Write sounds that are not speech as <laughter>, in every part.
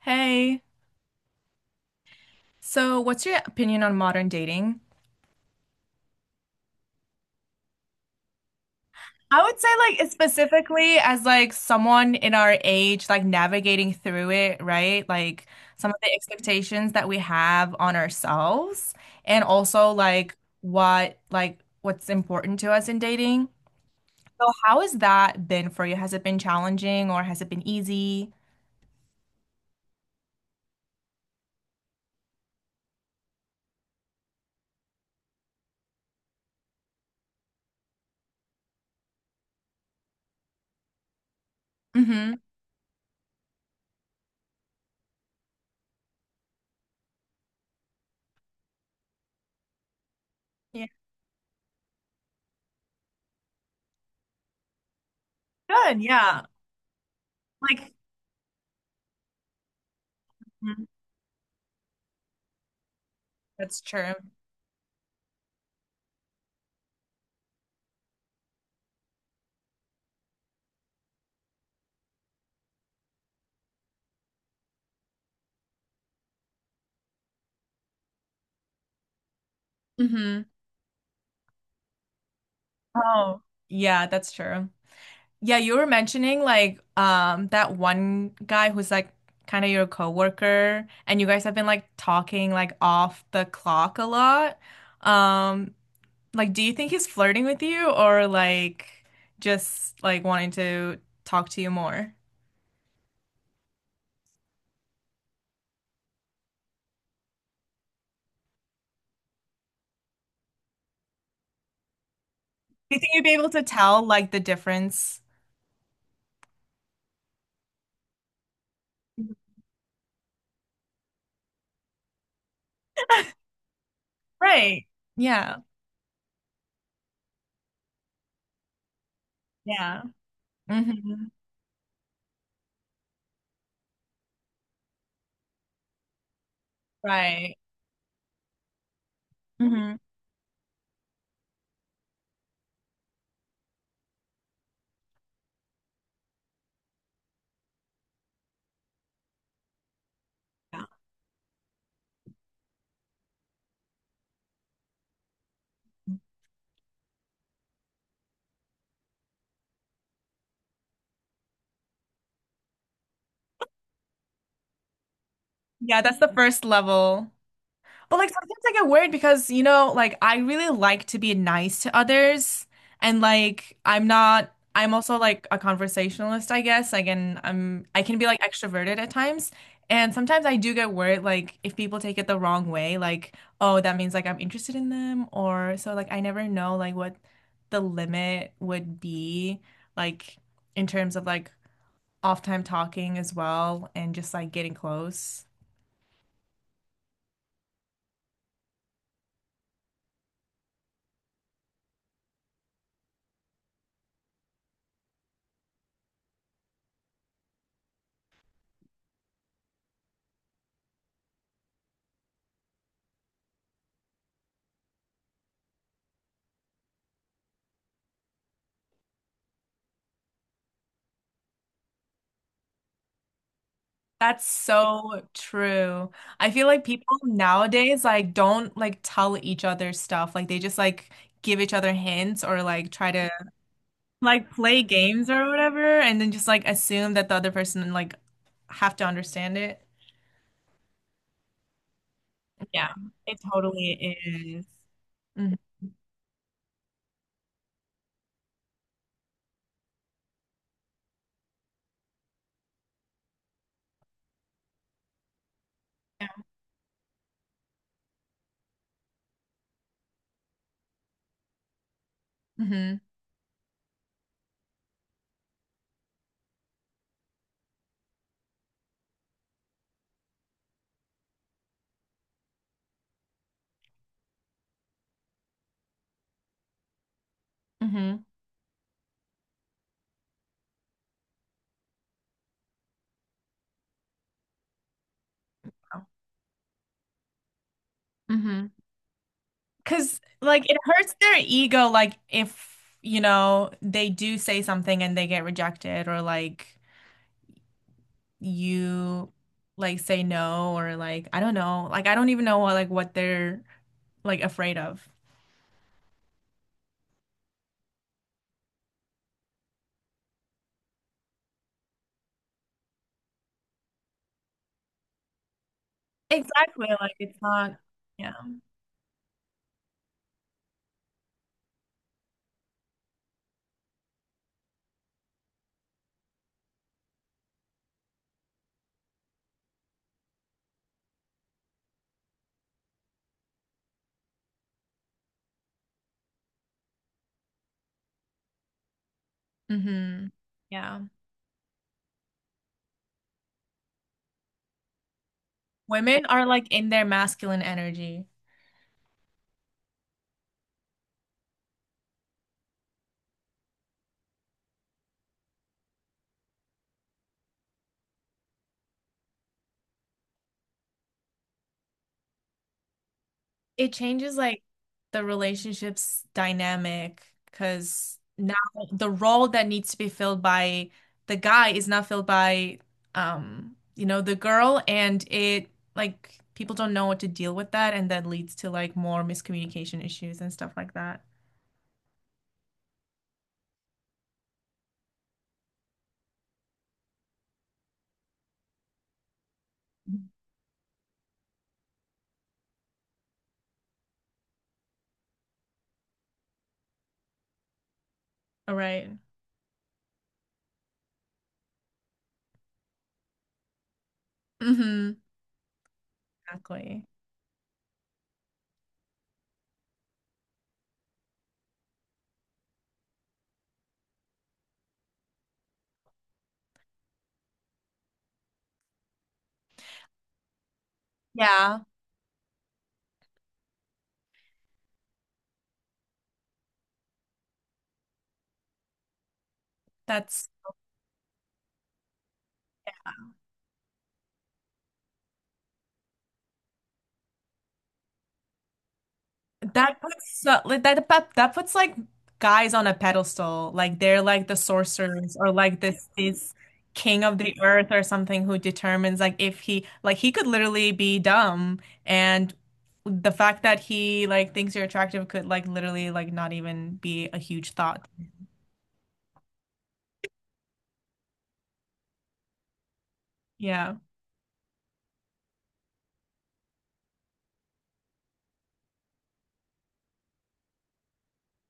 Hey, so what's your opinion on modern dating? I would say like specifically as like someone in our age like navigating through it, right? Like some of the expectations that we have on ourselves and also like what's important to us in dating. So how has that been for you? Has it been challenging or has it been easy? Mm-hmm. Yeah. Good, yeah. Like Mhm. That's true. Mm-hmm. Oh, yeah, that's true. Yeah, you were mentioning like that one guy who's like kind of your coworker and you guys have been like talking like off the clock a lot. Um like do you think he's flirting with you or like just like wanting to talk to you more? Do you think you'd be able to tell like the difference? Right. Yeah. Yeah. Hmm. Right. Hmm. Yeah. Yeah, that's the first level. But like sometimes I get worried because, you know, like I really like to be nice to others and like I'm not I'm also like a conversationalist, I guess. Like and I can be like extroverted at times. And sometimes I do get worried like if people take it the wrong way, like, oh, that means like I'm interested in them or so like I never know like what the limit would be like in terms of like off time talking as well and just like getting close. That's so true. I feel like people nowadays like don't like tell each other stuff. Like they just like give each other hints or like try to like play games or whatever and then just like assume that the other person like have to understand it. Yeah, it totally is. Mhm. Yeah. Mm-hmm. Yeah. Mm-hmm. Mm-hmm. Because like it hurts their ego like if you know they do say something and they get rejected or like you like say no or like I don't know. Like I don't even know what like what they're like afraid of. Exactly. Like it's not yeah. Mm-hmm. Yeah. Women are like in their masculine energy. It changes like the relationships dynamic because now the role that needs to be filled by the guy is not filled by you know the girl and it like people don't know what to deal with that and that leads to like more miscommunication issues and stuff like that. All right. Mm-hmm. Exactly. Yeah, that's. That puts like that puts like guys on a pedestal, like they're like the sorcerers or like this king of the earth or something who determines like if he like he could literally be dumb and the fact that he like thinks you're attractive could like literally like not even be a huge thought. Yeah.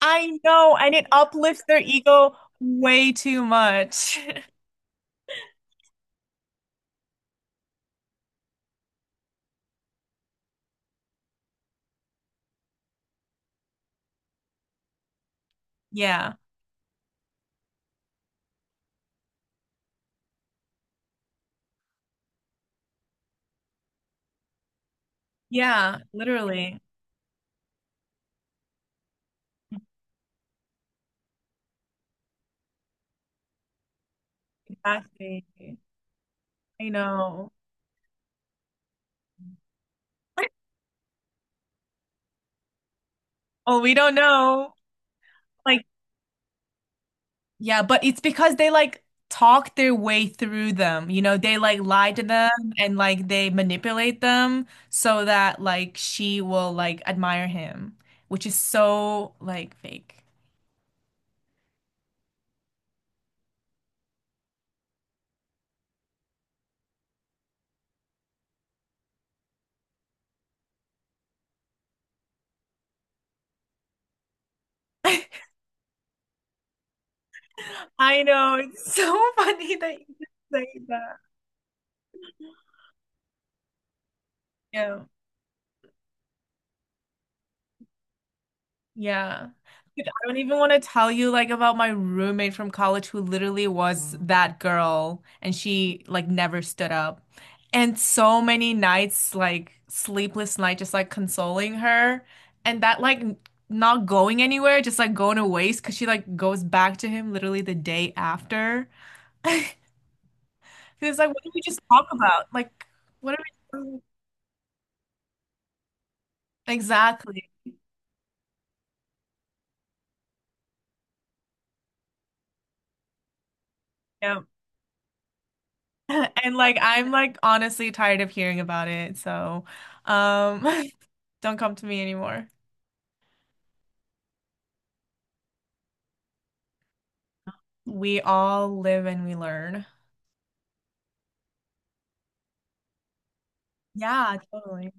I know, and it uplifts their ego way too much. <laughs> Yeah. Yeah, literally. Exactly. I know. <laughs> Well, we don't know. Like, yeah, but it's because they like talk their way through them. You know, they like lie to them and like they manipulate them so that like she will like admire him, which is so like fake. I know. It's so <laughs> funny that you just say that. Yeah. Yeah. Dude, I don't even want to tell you like about my roommate from college who literally was that girl and she like never stood up. And so many nights, like sleepless night, just like consoling her and that like not going anywhere, just like going to waste because she like goes back to him literally the day after. He was like, what did we just talk about? Like, what are we. Exactly. Yeah. <laughs> And like I'm like honestly tired of hearing about it. So um <laughs> don't come to me anymore. We all live and we learn. Yeah, totally.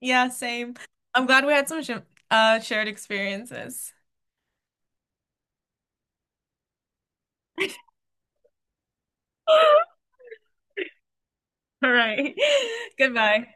Yeah, same. I'm glad we had some sh shared experiences. <laughs> All right. <laughs> Goodbye.